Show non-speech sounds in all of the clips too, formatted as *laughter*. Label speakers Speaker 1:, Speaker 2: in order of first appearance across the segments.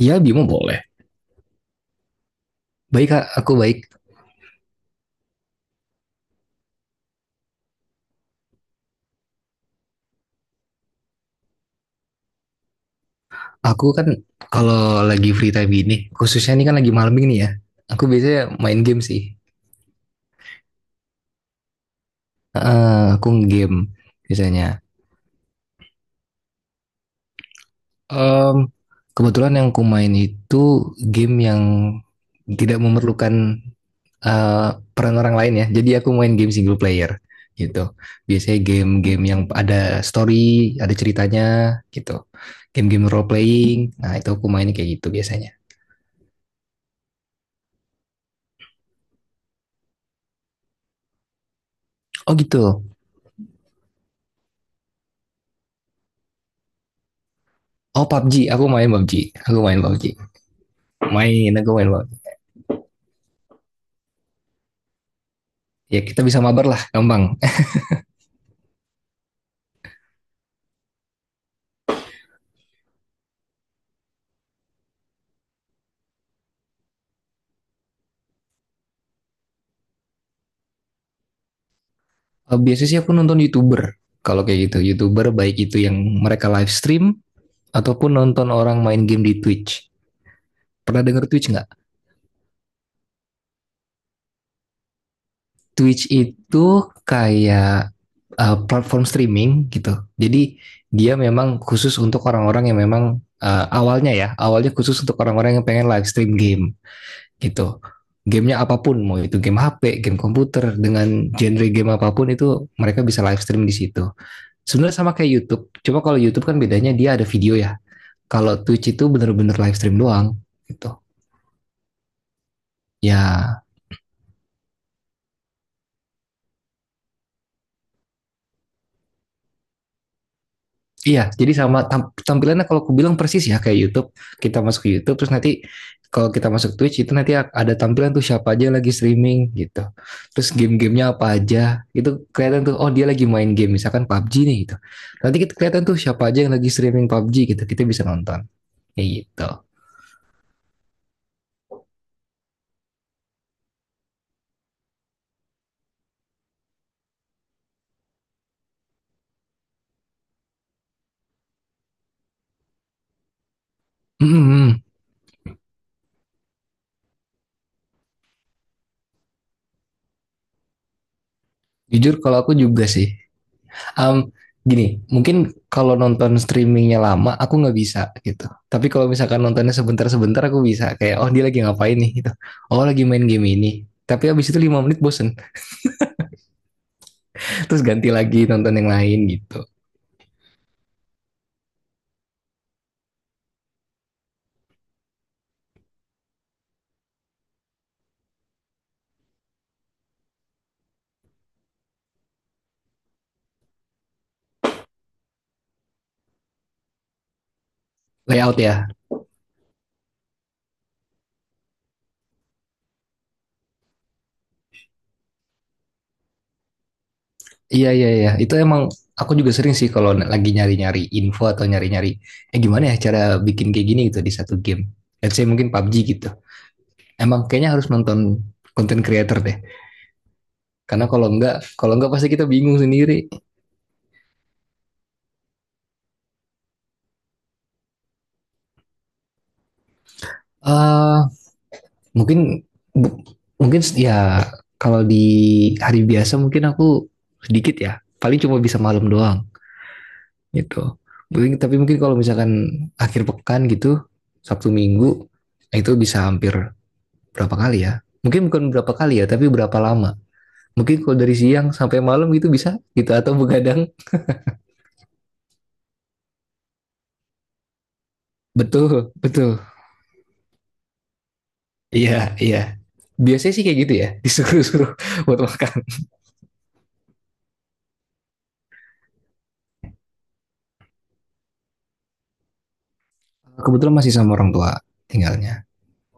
Speaker 1: Iya Bimo boleh. Baik Kak, aku baik. Aku kan kalau lagi free time ini, khususnya ini kan lagi malam ini ya. Aku biasanya main game sih. Aku game biasanya. Em, kebetulan yang aku main itu game yang tidak memerlukan eh, peran orang lain ya. Jadi aku main game single player gitu. Biasanya game-game yang ada story, ada ceritanya gitu. Game-game role playing. Nah, itu aku mainnya kayak gitu biasanya. Oh gitu. Oh PUBG, aku main PUBG, aku main PUBG, main aku main PUBG. Ya kita bisa mabar lah, gampang. Biasanya sih aku nonton youtuber, kalau kayak gitu youtuber baik itu yang mereka live stream ataupun nonton orang main game di Twitch. Pernah denger Twitch nggak? Twitch itu kayak platform streaming gitu. Jadi dia memang khusus untuk orang-orang yang memang awalnya ya, awalnya khusus untuk orang-orang yang pengen live stream game gitu, gamenya apapun mau itu game HP, game komputer dengan genre game apapun itu mereka bisa live stream di situ. Sebenarnya sama kayak YouTube, cuma kalau YouTube kan bedanya dia ada video ya, kalau Twitch itu benar-benar live stream doang gitu ya. Iya, jadi sama tampilannya kalau aku bilang persis ya kayak YouTube. Kita masuk ke YouTube terus nanti, kalau kita masuk Twitch itu nanti ada tampilan tuh siapa aja lagi streaming gitu. Terus game-gamenya apa aja. Itu kelihatan tuh, oh dia lagi main game misalkan PUBG nih gitu. Nanti kita kelihatan tuh siapa aja yang lagi streaming PUBG gitu. Kita bisa nonton kayak gitu. Mm-mm. Jujur kalau aku juga sih. Um, Gini, mungkin kalau nonton streamingnya lama, aku nggak bisa gitu. Tapi kalau misalkan nontonnya sebentar-sebentar, aku bisa. Kayak, oh dia lagi ngapain nih gitu. Oh lagi main game ini. Tapi abis itu 5 menit bosen. *laughs* Terus ganti lagi nonton yang lain gitu. Layout ya? Iya, iya, iya. Itu emang aku juga sering sih kalau lagi nyari-nyari info atau nyari-nyari, gimana ya cara bikin kayak gini gitu di satu game. Let's say mungkin PUBG gitu. Emang kayaknya harus nonton content creator deh. Karena kalau enggak pasti kita bingung sendiri. Eh Uh, mungkin mungkin ya, kalau di hari biasa mungkin aku sedikit ya, paling cuma bisa malam doang gitu mungkin. Tapi mungkin kalau misalkan akhir pekan gitu, Sabtu Minggu, nah itu bisa hampir berapa kali ya, mungkin bukan berapa kali ya tapi berapa lama, mungkin kalau dari siang sampai malam gitu bisa gitu atau begadang. Betul betul. Iya iya, biasanya sih kayak gitu ya. *laughs* Disuruh-suruh buat makan. Kebetulan masih sama orang tua tinggalnya.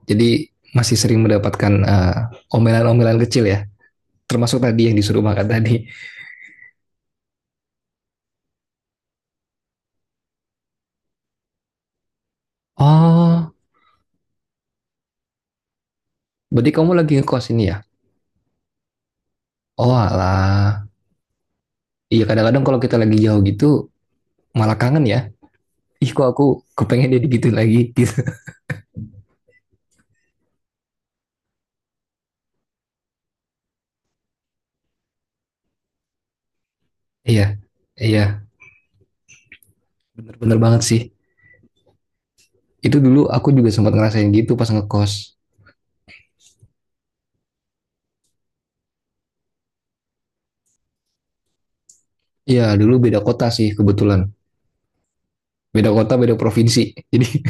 Speaker 1: Jadi masih sering mendapatkan omelan-omelan kecil ya. Termasuk tadi yang disuruh makan tadi. Oh, berarti kamu lagi ngekos ini ya? Oh alah. Iya kadang-kadang kalau kita lagi jauh gitu malah kangen ya. Ih kok aku kepengen dia gitu lagi gitu. *laughs* Iya, iya. Bener-bener banget sih. Itu dulu aku juga sempat ngerasain gitu pas ngekos. Iya dulu beda kota sih kebetulan. Beda kota, beda provinsi. Jadi *laughs*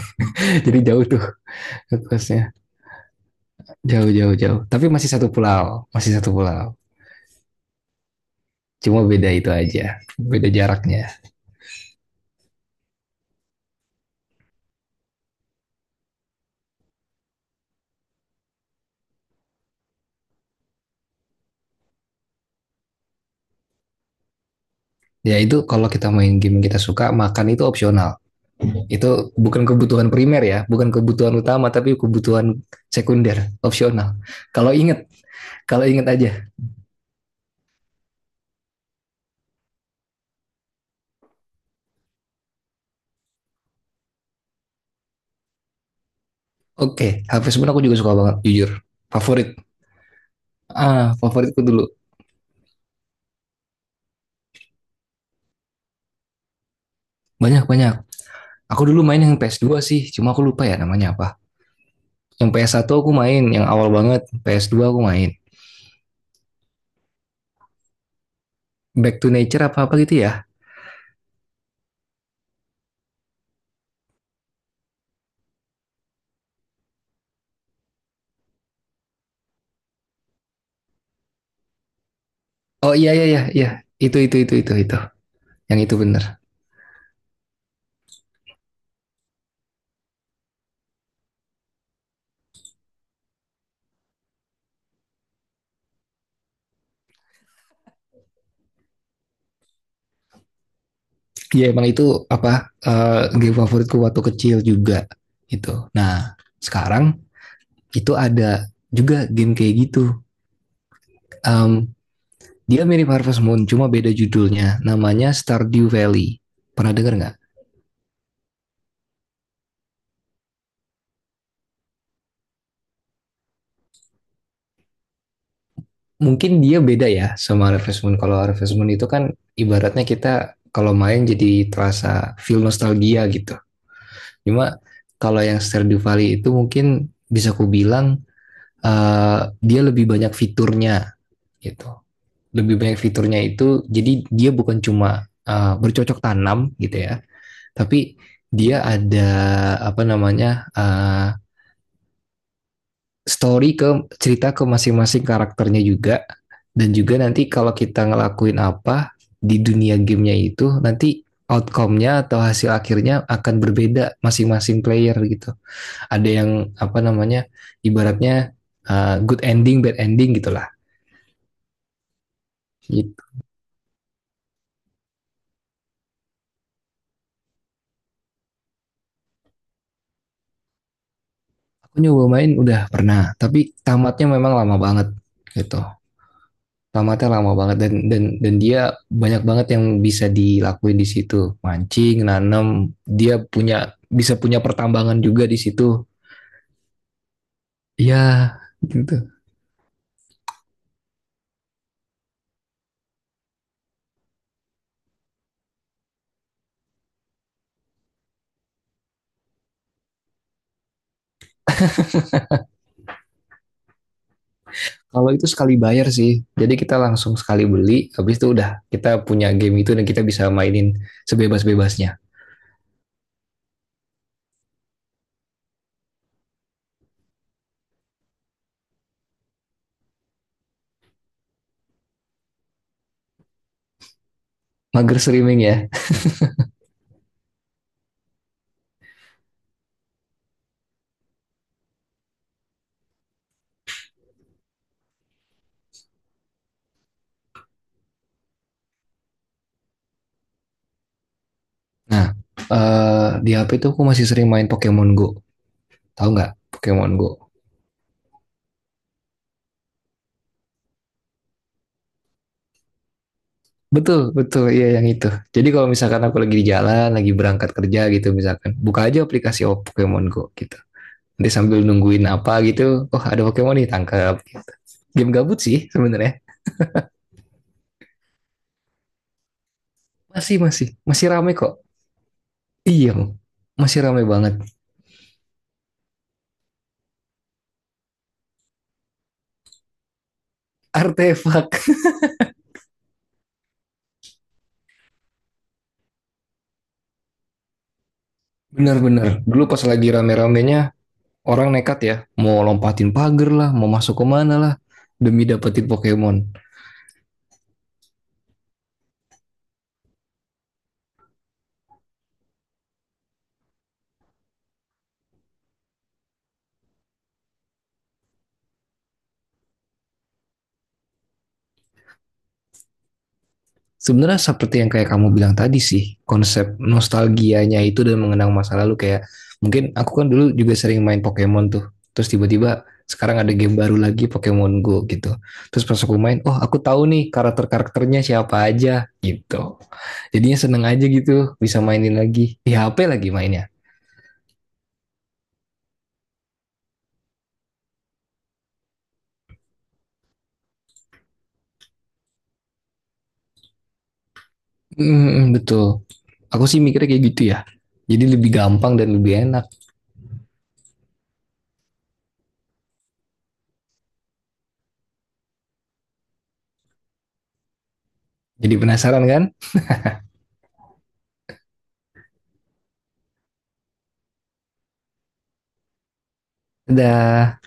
Speaker 1: jadi jauh tuh ngekosnya. Jauh, jauh, jauh. Tapi masih satu pulau. Masih satu pulau. Cuma beda itu aja, beda jaraknya. Ya itu kalau kita main game yang kita suka, makan itu opsional. Itu bukan kebutuhan primer ya, bukan kebutuhan utama, tapi kebutuhan sekunder, opsional. Kalau inget, kalau inget aja. Oke, HP sebenarnya aku juga suka banget, jujur. Favorit. Ah, favoritku dulu. Banyak-banyak. Aku dulu main yang PS2 sih, cuma aku lupa ya namanya apa. Yang PS1 aku main, yang awal banget. PS2 aku main. Back to Nature apa-apa gitu ya. Oh iya, iya, iya, iya. Itu, itu. Yang itu bener. Ya emang itu apa game favoritku waktu kecil juga gitu. Nah sekarang itu ada juga game kayak gitu. Em, dia mirip Harvest Moon cuma beda judulnya. Namanya Stardew Valley. Pernah dengar nggak? Mungkin dia beda ya sama Harvest Moon. Kalau Harvest Moon itu kan ibaratnya kita kalau main jadi terasa feel nostalgia gitu. Cuma kalau yang Stardew Valley itu mungkin bisa ku bilang dia lebih banyak fiturnya gitu. Lebih banyak fiturnya, itu jadi dia bukan cuma bercocok tanam gitu ya, tapi dia ada apa namanya story ke cerita ke masing-masing karakternya juga, dan juga nanti kalau kita ngelakuin apa di dunia gamenya itu nanti outcome-nya atau hasil akhirnya akan berbeda masing-masing player gitu, ada yang apa namanya, ibaratnya good ending, bad ending gitulah. Aku nyoba main udah pernah, tapi tamatnya memang lama banget gitu. Tamatnya lama banget, dan dia banyak banget yang bisa dilakuin di situ. Mancing, nanam, dia punya, bisa punya pertambangan juga di situ. Ya, gitu. Kalau itu sekali bayar sih. Jadi kita langsung sekali beli, habis itu udah kita punya game itu dan kita bisa mainin sebebas-bebasnya. Mager streaming ya. Nah, di HP itu aku masih sering main Pokemon Go. Tahu nggak Pokemon Go? Betul, betul. Iya yang itu. Jadi kalau misalkan aku lagi di jalan, lagi berangkat kerja gitu misalkan, buka aja aplikasi, oh, Pokemon Go gitu. Nanti sambil nungguin apa gitu, oh ada Pokemon nih tangkap gitu. Game gabut sih sebenarnya. Masih masih masih ramai kok. Iya, masih ramai banget. Artefak. Benar-benar. Dulu pas lagi rame-ramenya, orang nekat ya, mau lompatin pagar lah, mau masuk ke mana lah demi dapetin Pokemon. Sebenarnya seperti yang kayak kamu bilang tadi sih, konsep nostalgianya itu dan mengenang masa lalu, kayak mungkin aku kan dulu juga sering main Pokemon tuh. Terus tiba-tiba sekarang ada game baru lagi, Pokemon Go gitu. Terus pas aku main, oh aku tahu nih karakter-karakternya siapa aja gitu. Jadinya seneng aja gitu bisa mainin lagi. Di HP lagi mainnya. Mm, betul. Aku sih mikirnya kayak gitu ya. Jadi lebih gampang dan lebih enak. Jadi penasaran kan? Dah.